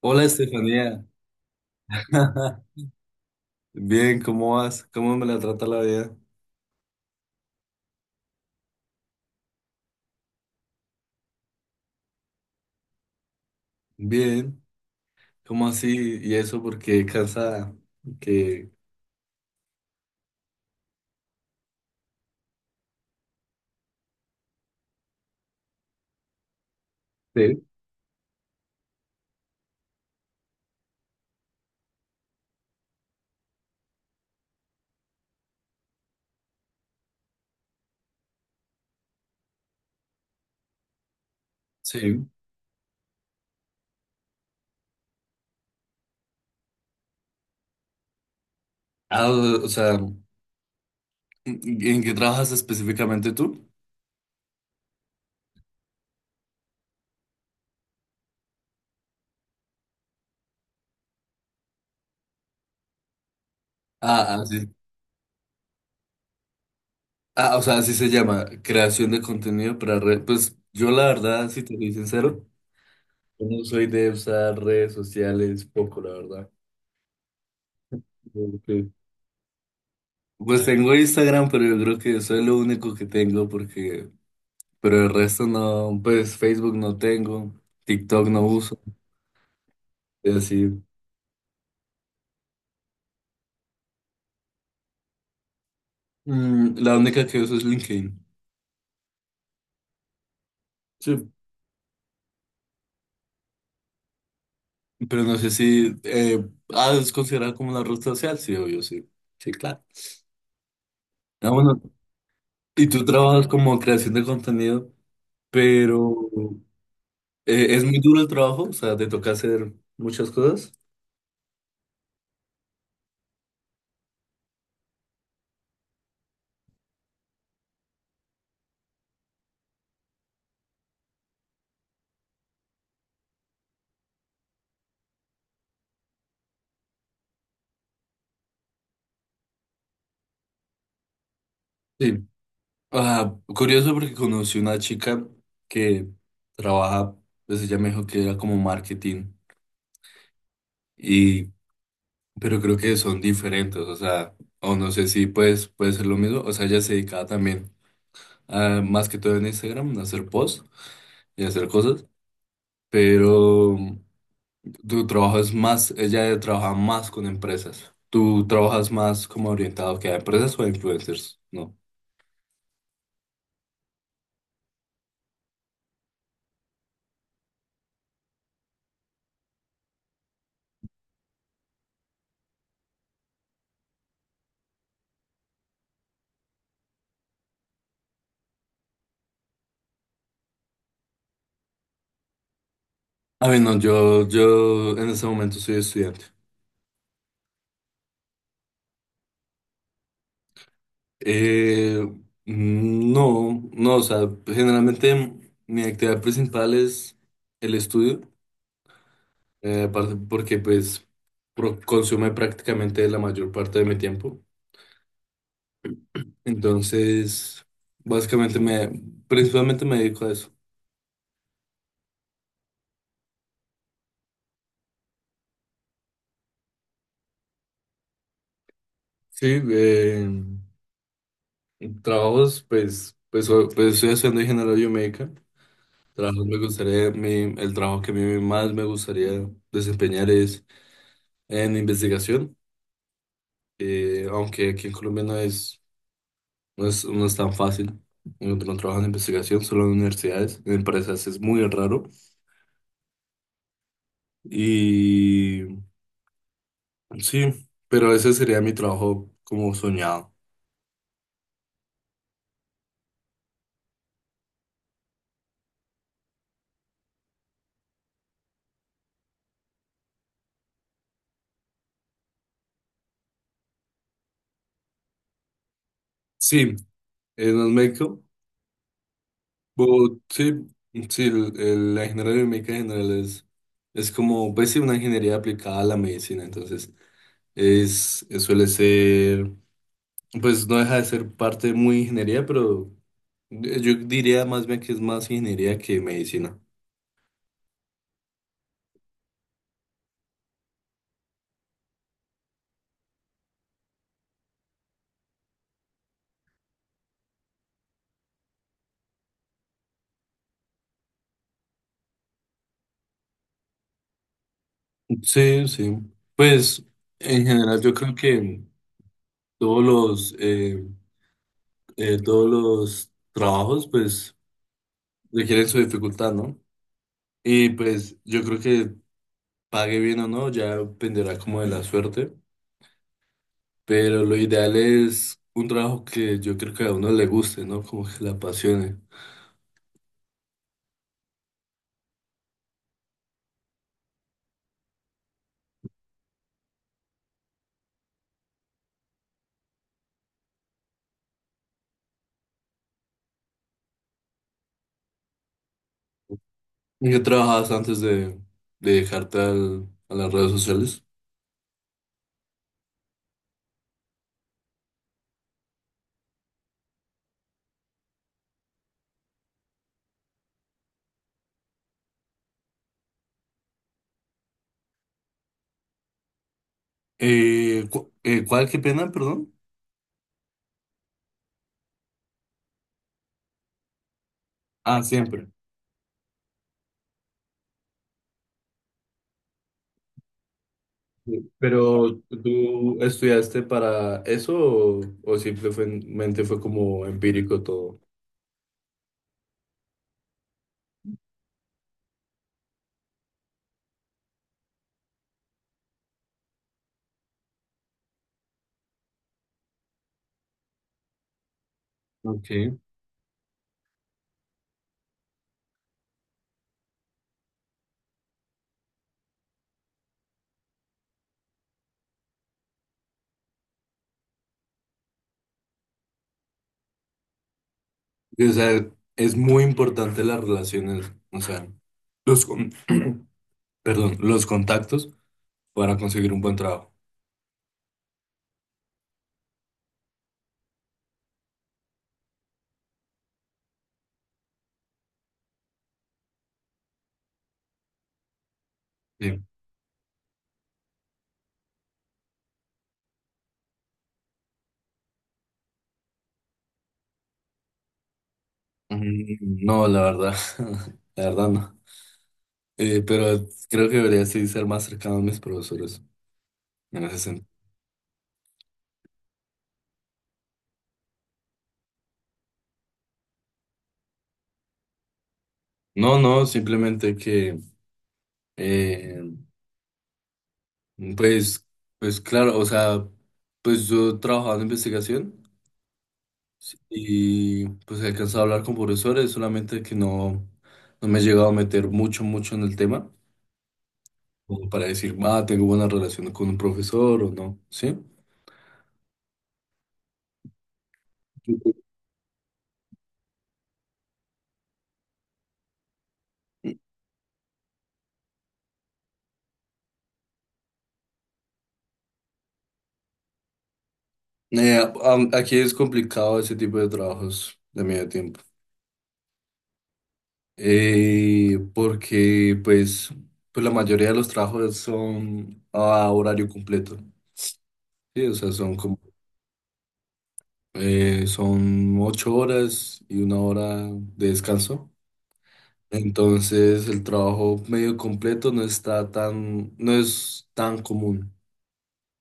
Hola Estefanía, bien, ¿cómo vas? ¿Cómo me la trata la vida? Bien, ¿cómo así? ¿Y eso porque cansada? Que Sí. Sí. O sea, ¿en qué trabajas específicamente tú? Ah, así. Ah, o sea, así se llama, creación de contenido para redes. Pues yo la verdad, si te soy sincero, yo no soy de usar redes sociales poco, la verdad. Porque, pues tengo Instagram, pero yo creo que eso es lo único que tengo porque pero el resto no, pues Facebook no tengo, TikTok no uso, es decir, la única que uso es LinkedIn. Sí, pero no sé si ah, es considerada como una red social, sí, obvio, sí. Sí, claro. Ah, bueno, y tú trabajas como creación de contenido, pero es muy duro el trabajo, o sea, te toca hacer muchas cosas. Sí. Ah, curioso porque conocí una chica que trabaja, pues ella me dijo que era como marketing. Y pero creo que son diferentes, o sea, o no sé si pues, puede ser lo mismo, o sea, ella se dedicaba también a, más que todo en Instagram, a hacer posts y a hacer cosas, pero tu trabajo es más, ella trabaja más con empresas, tú trabajas más como orientado que a empresas o a influencers, ¿no? A ver, no, yo en este momento soy estudiante. Eh, no, o sea, generalmente mi actividad principal es el estudio. Aparte porque pues pro- consume prácticamente la mayor parte de mi tiempo. Entonces, básicamente me, principalmente me dedico a eso. Sí, trabajos, pues, pues, o- pues estoy haciendo ingeniería biomédica. Trabajos me gustaría, mi- el trabajo que a mí más me gustaría desempeñar es en investigación, aunque aquí en Colombia no es, no es, no es tan fácil encontrar un trabajo en investigación, solo en universidades, en empresas es muy raro. Y sí, pero ese sería mi trabajo como soñado. Sí, no es médico, pero sí, sí, el- la ingeniería biomédica en general es como, pues sí, una ingeniería aplicada a la medicina, entonces es- suele ser, pues no deja de ser parte muy ingeniería, pero yo diría más bien que es más ingeniería que medicina. Sí, sí. Pues en general yo creo que todos los eh, todos los trabajos pues requieren su dificultad, ¿no? Y pues yo creo que pague bien o no, ya dependerá como de la suerte, pero lo ideal es un trabajo que yo creo que a uno le guste, ¿no? Como que le apasione. ¿En qué trabajabas antes de dejarte al- a las redes sociales? ¿Cuál? ¿Qué pena? Perdón. Ah, siempre. Sí. Pero ¿tú estudiaste para eso o simplemente fue como empírico todo? Okay. O sea, es muy importante las relaciones, o sea, los con- perdón, los contactos para conseguir un buen trabajo. Sí. Mm, no, la verdad, la verdad no. Pero creo que debería sí ser más cercano a mis profesores en ese sentido. No, simplemente que eh, pues, pues claro, o sea, pues yo trabajaba en investigación sí, y pues he alcanzado a hablar con profesores, solamente que no, no me he llegado a meter mucho en el tema, como para decir, ah, tengo buena relación con un profesor o no, ¿sí? Eh, am- aquí es complicado ese tipo de trabajos de medio tiempo, porque pues, pues la mayoría de los trabajos son a horario completo, ¿sí? O sea, son como eh, son 8 horas y 1 hora de descanso. Entonces el trabajo medio completo no está tan, no es tan común.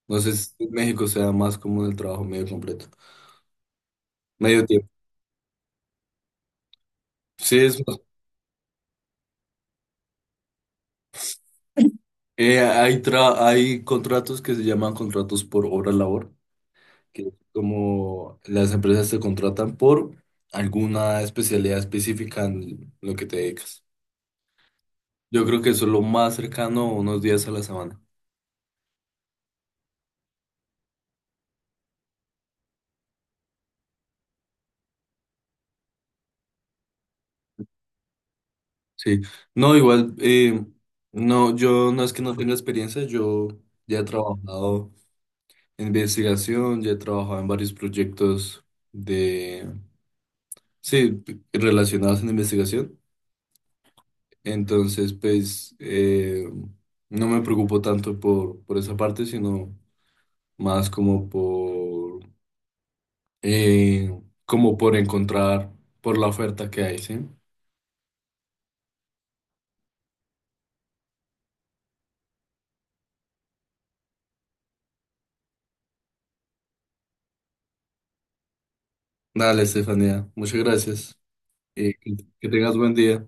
No sé si en México sea más común el trabajo medio completo. Medio tiempo. Sí, es más. Hay contratos que se llaman contratos por hora labor, que es como las empresas te contratan por alguna especialidad específica en lo que te dedicas. Yo creo que eso es lo más cercano a unos días a la semana. Sí, no, igual, no, yo no es que no tenga experiencia, yo ya he trabajado en investigación, ya he trabajado en varios proyectos de, sí, relacionados en investigación, entonces, pues, no me preocupo tanto por esa parte, sino más como por, eh, como por encontrar, por la oferta que hay, ¿sí? Dale, Estefanía, muchas gracias, que tengas buen día.